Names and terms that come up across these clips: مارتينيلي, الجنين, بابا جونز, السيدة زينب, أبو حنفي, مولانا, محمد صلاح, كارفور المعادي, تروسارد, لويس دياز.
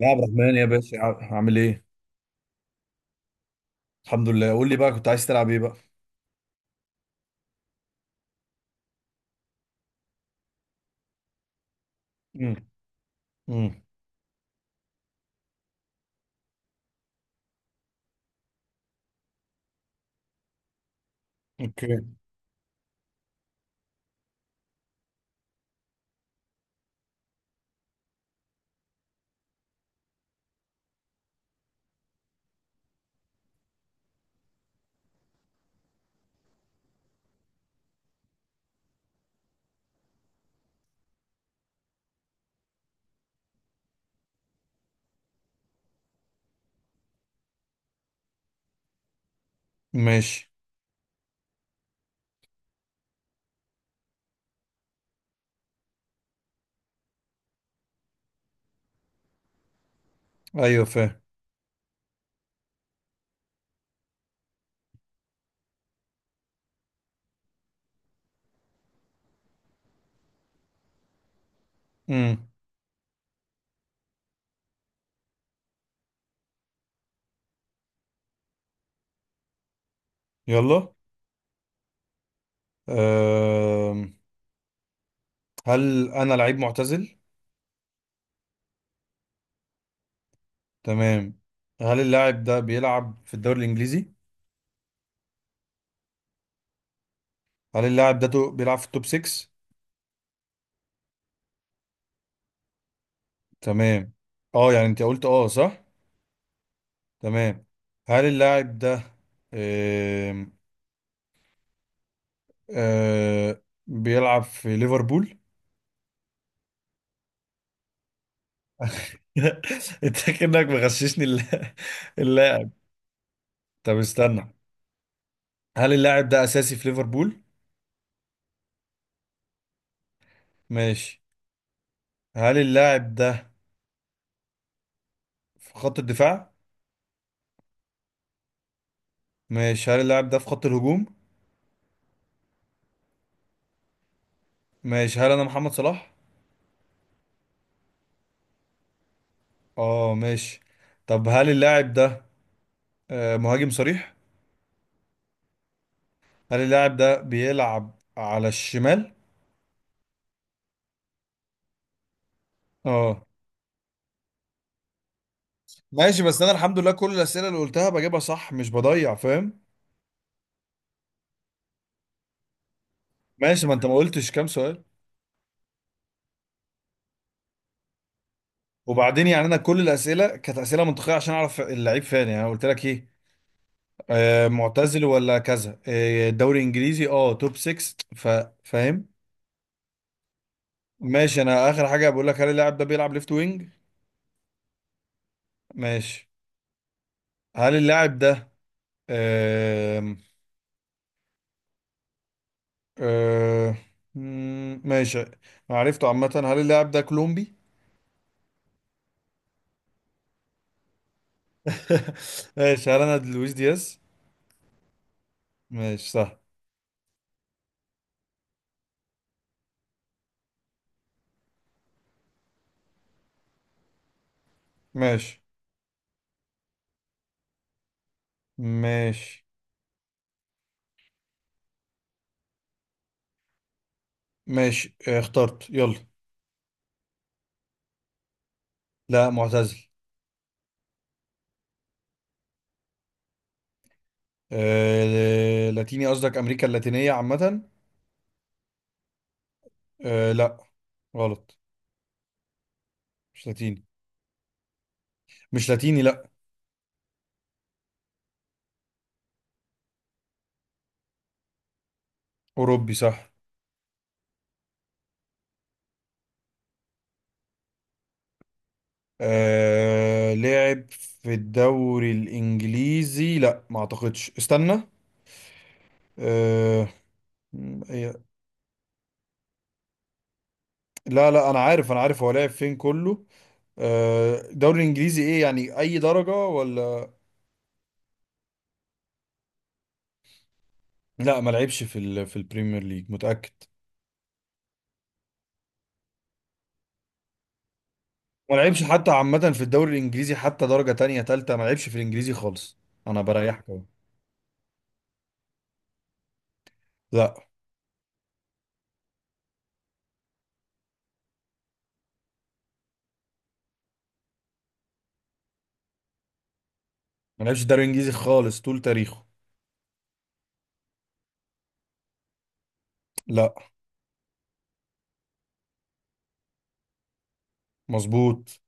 يا عبد الرحمن يا باشا عامل ايه؟ الحمد لله، قول لي بقى، كنت عايز تلعب ايه بقى؟ امم امم اوكي، ماشي، ايوه فاهم، امم يلا. أم. هل انا لعيب معتزل؟ تمام. هل اللاعب ده بيلعب في الدوري الانجليزي؟ هل اللاعب ده بيلعب في التوب 6؟ تمام. اه يعني انت قلت اه، صح؟ تمام. هل اللاعب ده أم. أه. بيلعب في ليفربول؟ انت كأنك مغششني الل- طب استنى. هل اللاعب ده اساسي في ليفربول؟ ماشي. هل اللاعب ده في خط الدفاع؟ ماشي. هل اللاعب ده في خط الهجوم؟ ماشي. هل انا محمد صلاح؟ اه ماشي. طب هل اللاعب ده مهاجم صريح؟ هل اللاعب ده بيلعب على الشمال؟ اه ماشي، بس انا الحمد لله كل الاسئله اللي قلتها بجيبها صح، مش بضيع، فاهم. ماشي، ما انت ما قلتش كام سؤال. وبعدين يعني انا كل الاسئله كانت اسئله منطقيه عشان اعرف اللعيب فين، يعني أنا قلت لك ايه، معتزل ولا كذا، دوري انجليزي، اه توب 6 فاهم. ماشي، انا اخر حاجه بقول لك، هل اللاعب ده بيلعب ليفت وينج؟ ماشي. هل اللاعب ده آم، آه، مم، ماشي، أنا عرفته عامه، هل اللاعب ده كولومبي؟ ماشي. هل انا لويس دياز؟ ماشي صح. ماشي ماشي ماشي، اخترت يلا. لا معتزل. لاتيني؟ قصدك امريكا اللاتينيه عامه. لا. غلط. مش لاتيني. مش لاتيني لا. أوروبي صح. لعب في الدوري الإنجليزي؟ لا ما أعتقدش، استنى. آه... إيه. لا لا، أنا عارف، أنا عارف، هو لعب فين كله. الدوري الإنجليزي إيه يعني؟ أي درجة ولا؟ لا ما لعبش في في البريمير ليج، متأكد. ما لعبش حتى عامة في الدوري الإنجليزي، حتى درجة تانية تالتة، ما لعبش في الإنجليزي خالص. أنا بريحك أهو. لا، ما لعبش الدوري الإنجليزي خالص طول تاريخه. لا مظبوط.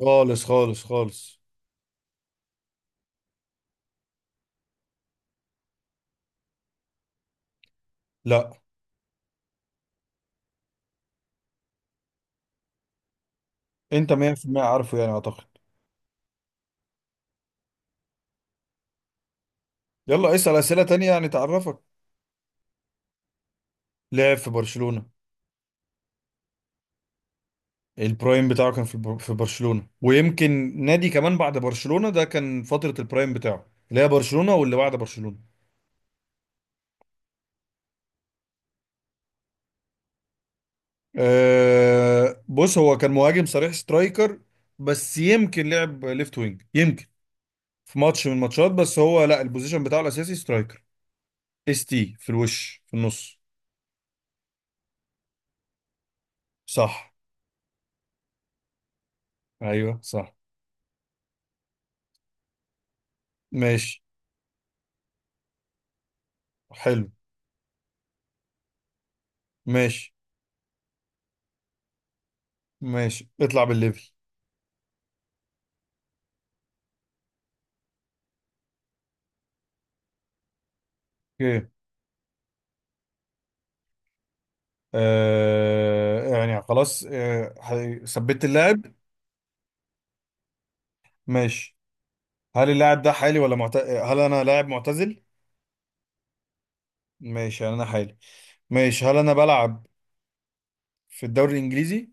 خالص خالص خالص. لا انت 100% عارفه يعني، اعتقد. يلا اسأل اسئلة تانية يعني تعرفك. لعب في برشلونة. البرايم بتاعه كان في في برشلونة، ويمكن نادي كمان بعد برشلونة، ده كان فترة البرايم بتاعه، اللي هي برشلونة واللي بعد برشلونة. أه، بص، هو كان مهاجم صريح، سترايكر، بس يمكن لعب ليفت وينج، يمكن في ماتش من الماتشات، بس هو لا، البوزيشن بتاعه الاساسي سترايكر، اس تي، في الوش، في النص. صح. ايوه صح. ماشي حلو. ماشي ماشي، اطلع بالليفل. اوكي. يعني خلاص، ثبت اللاعب. ماشي، هل اللاعب ده حالي ولا هل انا لاعب معتزل؟ ماشي. هل انا حالي؟ ماشي، هل انا بلعب في الدوري الانجليزي؟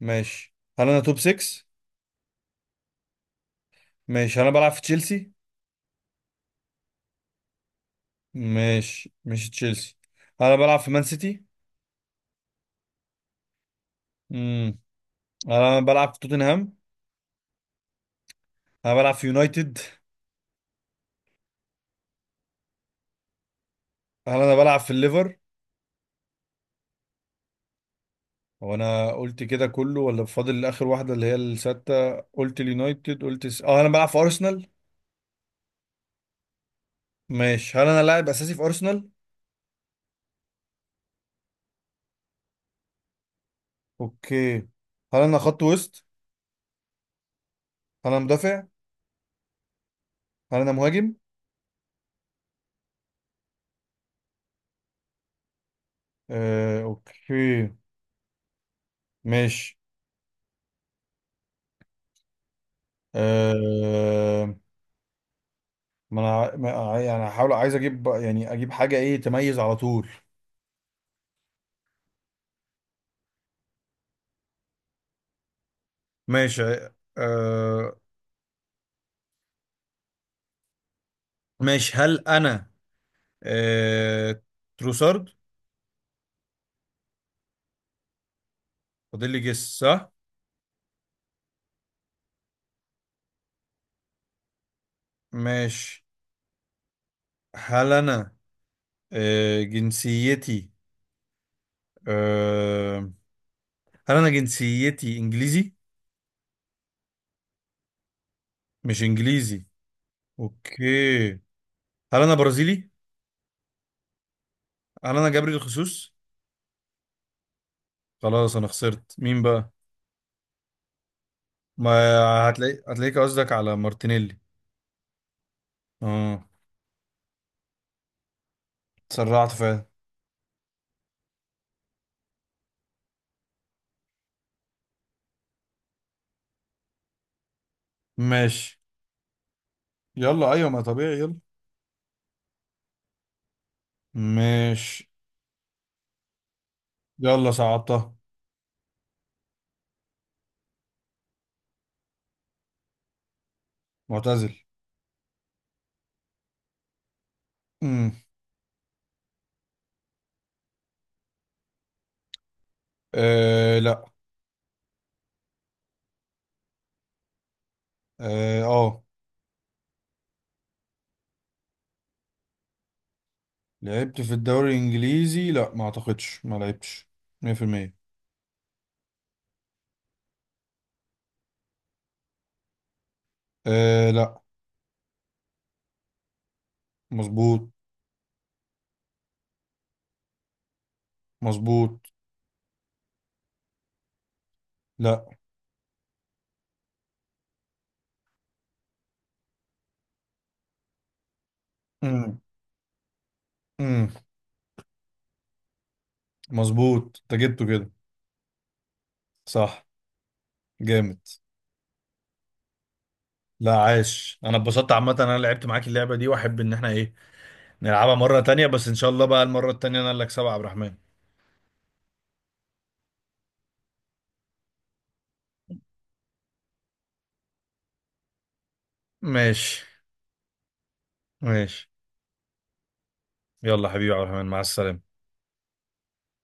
ماشي. هل انا توب 6؟ ماشي. هل انا بلعب في تشيلسي؟ ماشي، مش تشيلسي. هل انا بلعب في مان سيتي؟ امم هل انا بلعب في توتنهام؟ هل انا بلعب في يونايتد؟ هل انا بلعب في الليفر؟ هو انا قلت كده كله ولا فاضل اخر واحده اللي هي السته، قلت اليونايتد، قلت اه انا بلعب في ارسنال. ماشي، هل انا لاعب اساسي في ارسنال؟ اوكي. هل انا خط وسط؟ هل انا مدافع؟ هل انا مهاجم؟ آه اوكي. ماشي. آه ما انا ع- ما ع- يعني هحاول عايز اجيب يعني اجيب حاجه ايه تميز على طول. ماشي. آه ماشي، هل انا آه تروسارد؟ فاضل لي جس صح. ماشي. هل انا جنسيتي، آه، هل انا جنسيتي انجليزي؟ مش انجليزي. اوكي. هل انا برازيلي؟ هل انا جابري الخسوس؟ خلاص انا خسرت. مين بقى؟ ما هتلاقي هتلاقيك، قصدك على مارتينيلي؟ اه اتسرعت فعلا. ماشي. يلا ايوه، ما طبيعي، يلا. ماشي يلا صعبتها. معتزل. امم لا. اه آه. لعبت في الدوري الانجليزي؟ لا ما اعتقدش ما لعبتش، 100%. لا. مظبوط. مظبوط. لا. امم امم مظبوط، انت جبته كده. صح. جامد. لا عاش، انا اتبسطت عامه إن انا لعبت معاك اللعبه دي، واحب ان احنا ايه نلعبها مره تانية، بس ان شاء الله بقى المره التانية انا اللي اكسبها يا عبد الرحمن. ماشي ماشي. يلا حبيبي يا عبد الرحمن، مع السلامه.